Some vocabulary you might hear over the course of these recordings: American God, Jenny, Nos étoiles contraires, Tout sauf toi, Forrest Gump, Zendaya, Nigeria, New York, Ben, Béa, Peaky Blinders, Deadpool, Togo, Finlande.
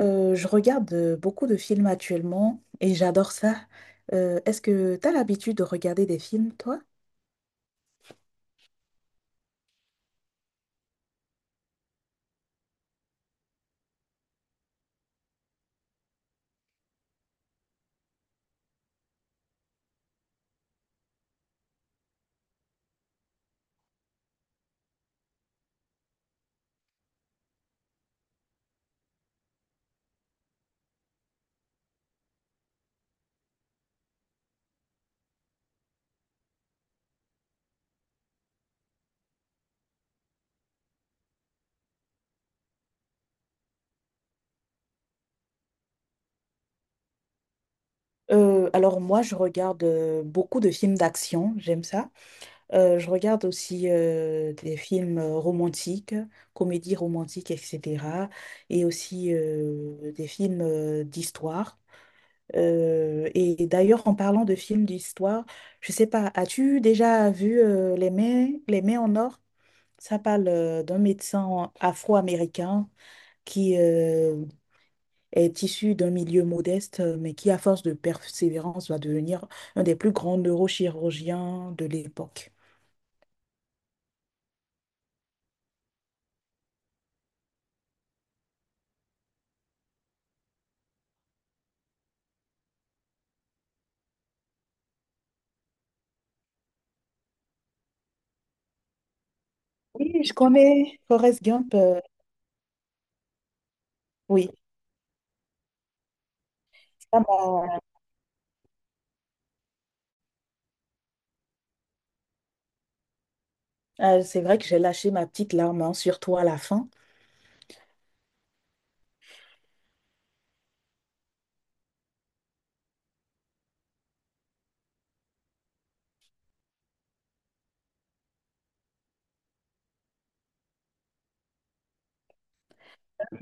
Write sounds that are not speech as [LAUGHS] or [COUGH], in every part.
Je regarde beaucoup de films actuellement et j'adore ça. Est-ce que tu as l'habitude de regarder des films, toi? Alors moi, je regarde beaucoup de films d'action, j'aime ça. Je regarde aussi des films romantiques, comédies romantiques, etc. Et aussi des films d'histoire. Et d'ailleurs, en parlant de films d'histoire, je sais pas, as-tu déjà vu Les Mains en or? Ça parle d'un médecin afro-américain qui est issu d'un milieu modeste, mais qui, à force de persévérance, va devenir un des plus grands neurochirurgiens de l'époque. Oui, je connais. Forrest Gump, oui, ça m'a- c'est vrai que j'ai lâché ma petite larme, hein, surtout à la fin.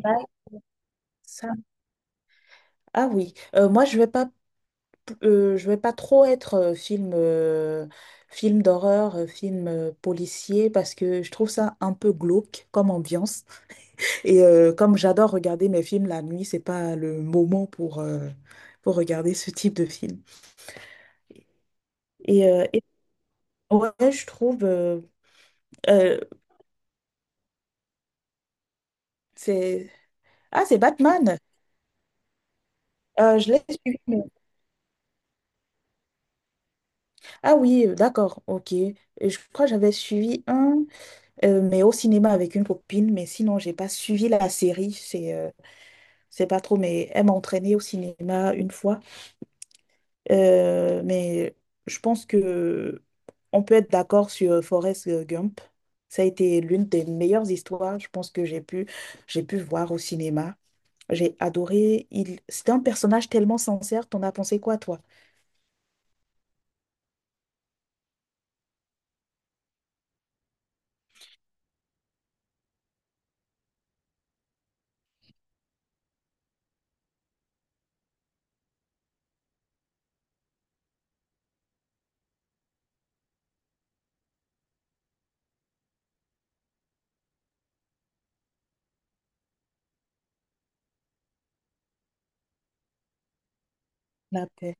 Ouais. Ça- Ah oui, moi, je vais pas trop être film d'horreur, film policier parce que je trouve ça un peu glauque comme ambiance. Et comme j'adore regarder mes films la nuit, c'est pas le moment pour regarder ce type de film. Et, euh, et- ouais, je trouve euh, c'est c'est Batman. Je l'ai suivi. Ah oui, d'accord, ok. Et je crois que j'avais suivi mais au cinéma avec une copine. Mais sinon, j'ai pas suivi la série. C'est pas trop. Mais elle m'a entraînée au cinéma une fois. Mais je pense que on peut être d'accord sur Forrest Gump. Ça a été l'une des meilleures histoires, je pense que j'ai pu voir au cinéma. J'ai adoré. C'était un personnage tellement sincère. T'en as pensé quoi, toi? La paix.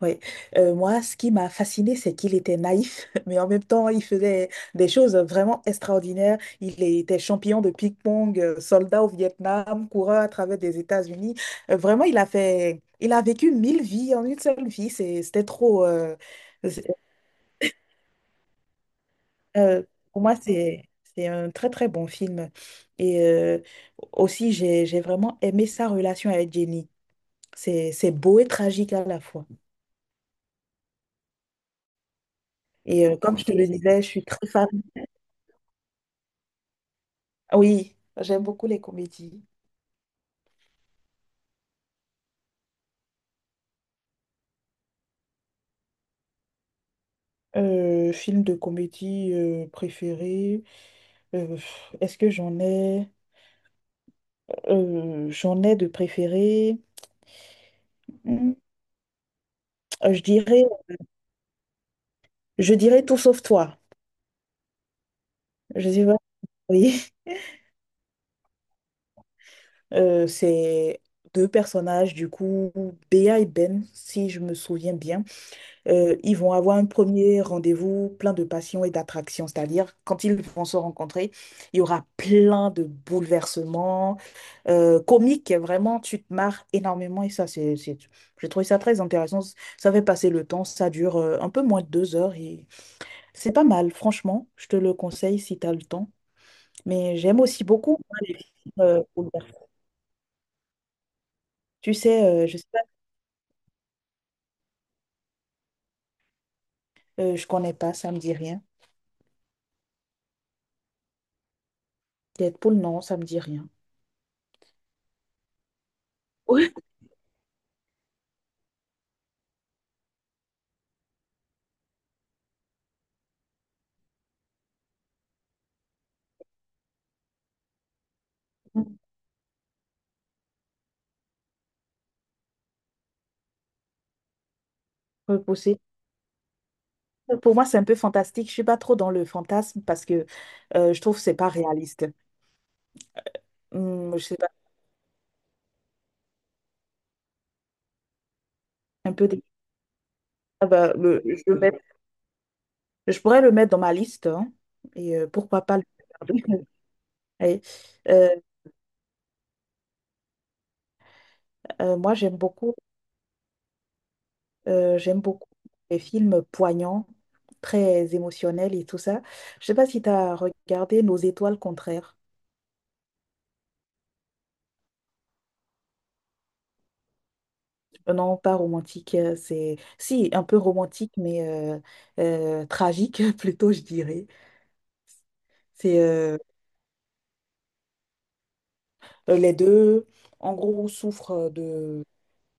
Oui. Moi, ce qui m'a fasciné, c'est qu'il était naïf, [LAUGHS] mais en même temps, il faisait des choses vraiment extraordinaires. Il était champion de ping-pong, soldat au Vietnam, coureur à travers des États-Unis. Vraiment, il a vécu mille vies en une seule vie. C'était trop. C'est- euh, pour moi, c'est un très très bon film. Et aussi, j'ai vraiment aimé sa relation avec Jenny. C'est beau et tragique à la fois. Et comme je te le disais, je suis très fan. Ah oui, j'aime beaucoup les comédies. Film de comédie préféré. euh, Est-ce que j'en ai? J'en ai de préféré. Hmm, euh, je dirais, je dirais Tout sauf toi. Je sais pas. Oui. [LAUGHS] C'est deux personnages, du coup, Béa et Ben, si je me souviens bien. Ils vont avoir un premier rendez-vous plein de passion et d'attraction, c'est-à-dire quand ils vont se rencontrer, il y aura plein de bouleversements comiques, vraiment, tu te marres énormément et ça, j'ai trouvé ça très intéressant. Ça fait passer le temps, ça dure un peu moins de 2 heures et c'est pas mal, franchement, je te le conseille si tu as le temps. Mais j'aime aussi beaucoup moi, les films, bouleversants. Tu sais, je sais pas, je connais pas, ça me dit rien. Deadpool, non, ça me dit rien. [LAUGHS] Oui. Repousser. Pour moi, c'est un peu fantastique. Je suis pas trop dans le fantasme parce que je trouve que c'est pas réaliste. Je sais pas, un peu des- Ah bah, je pourrais le mettre dans ma liste, hein, et pourquoi pas le regarder. [LAUGHS] Ouais. Euh, Moi, j'aime beaucoup les films poignants, très émotionnels et tout ça. Je sais pas si tu as regardé Nos étoiles contraires. Non, pas romantique, c'est si un peu romantique, mais tragique [LAUGHS] plutôt, je dirais. C'est Les deux, en gros, souffrent de,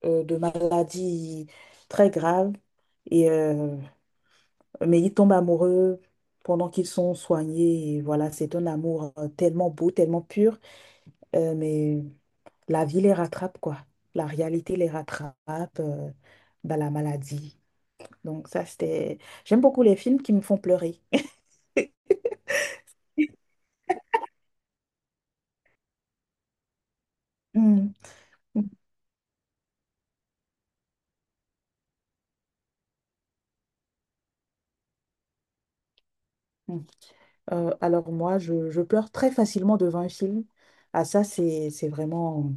euh, de maladies très graves, et, euh, mais ils tombent amoureux pendant qu'ils sont soignés. Et voilà, c'est un amour tellement beau, tellement pur, mais la vie les rattrape, quoi. La réalité les rattrape, euh, bah, la maladie. Donc ça, c'était. J'aime beaucoup les films qui me font pleurer. [LAUGHS] Mm. Mm. Mm. Alors moi, je pleure très facilement devant un film. Ah ça, c'est vraiment.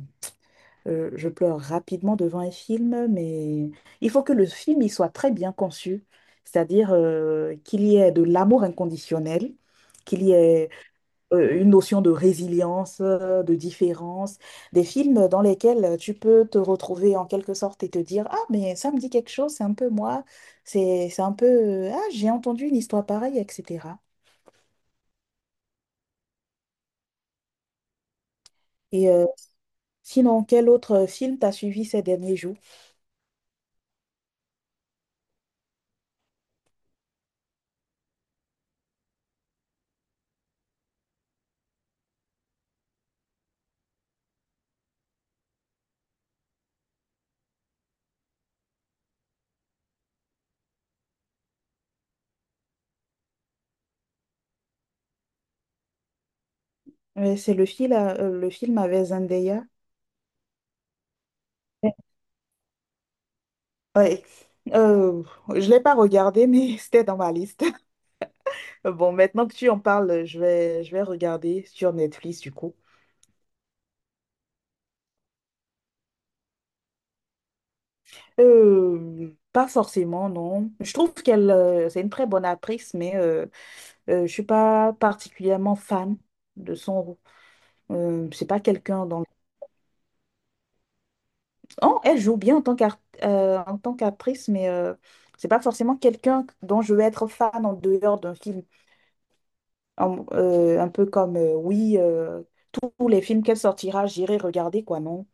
Je pleure rapidement devant un film, mais il faut que le film il soit très bien conçu, c'est-à-dire qu'il y ait de l'amour inconditionnel, qu'il y ait une notion de résilience, de différence, des films dans lesquels tu peux te retrouver en quelque sorte et te dire, ah, mais ça me dit quelque chose, c'est un peu moi, c'est un peu, ah, j'ai entendu une histoire pareille, etc. Et sinon, quel autre film t'as suivi ces derniers jours? C'est le film avec Zendaya. Ouais. Euh, je l'ai pas regardé, mais [LAUGHS] c'était dans ma liste. [LAUGHS] Bon, maintenant que tu en parles, je vais regarder sur Netflix, du coup. Pas forcément, non. Je trouve qu'elle, c'est une très bonne actrice, mais je suis pas particulièrement fan de son rôle. C'est pas quelqu'un dans. Oh, elle joue bien en tant qu'actrice, mais c'est pas forcément quelqu'un dont je vais être fan en dehors d'un film. Un peu comme, oui, tous les films qu'elle sortira, j'irai regarder, quoi, non?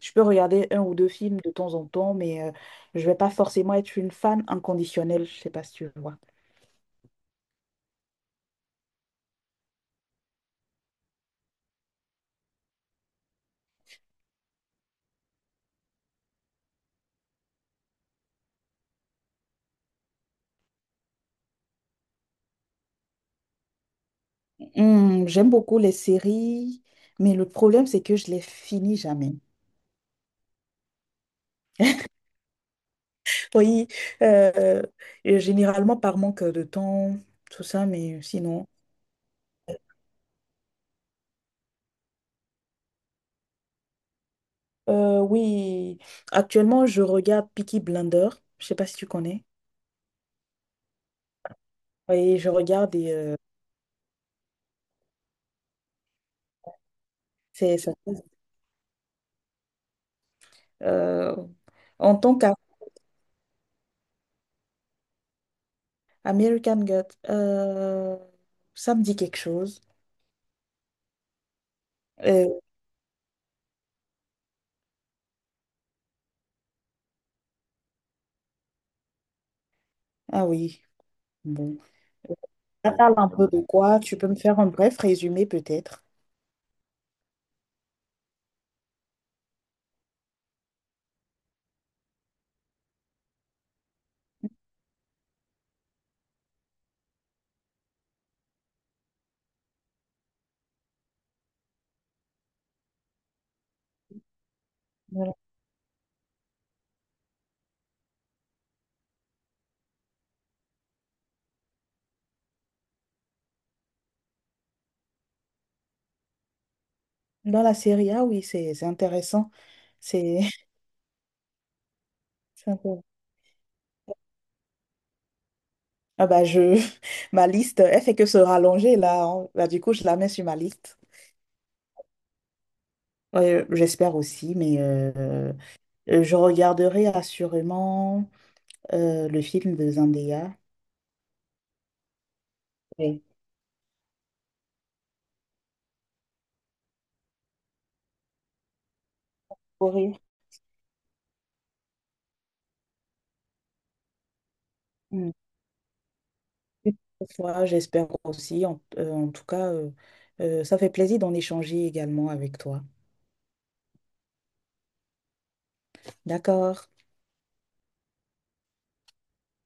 Je peux regarder un ou deux films de temps en temps, mais je vais pas forcément être une fan inconditionnelle, je sais pas si tu vois. J'aime beaucoup les séries, mais le problème, c'est que je les finis jamais. Oui, euh, et généralement par manque de temps, tout ça, mais sinon. Oui, actuellement, je regarde Peaky Blinders, je sais pas si tu connais. Oui, je regarde et c'est ça. Euh, En tant qu'à American God, ça me dit quelque chose. Euh, ah oui, bon. Ça parle un peu de quoi? Tu peux me faire un bref résumé peut-être? Voilà. Dans la série A, oui, c'est intéressant. C'est [LAUGHS] c'est intéressant. Ah bah, je. [LAUGHS] Ma liste, elle fait que se rallonger là, hein. Bah, du coup, je la mets sur ma liste. Ouais, j'espère aussi, mais je regarderai assurément le film de Zendaya. Oui. Pour rire. Une fois, j'espère aussi. En tout cas, ça fait plaisir d'en échanger également avec toi. D'accord.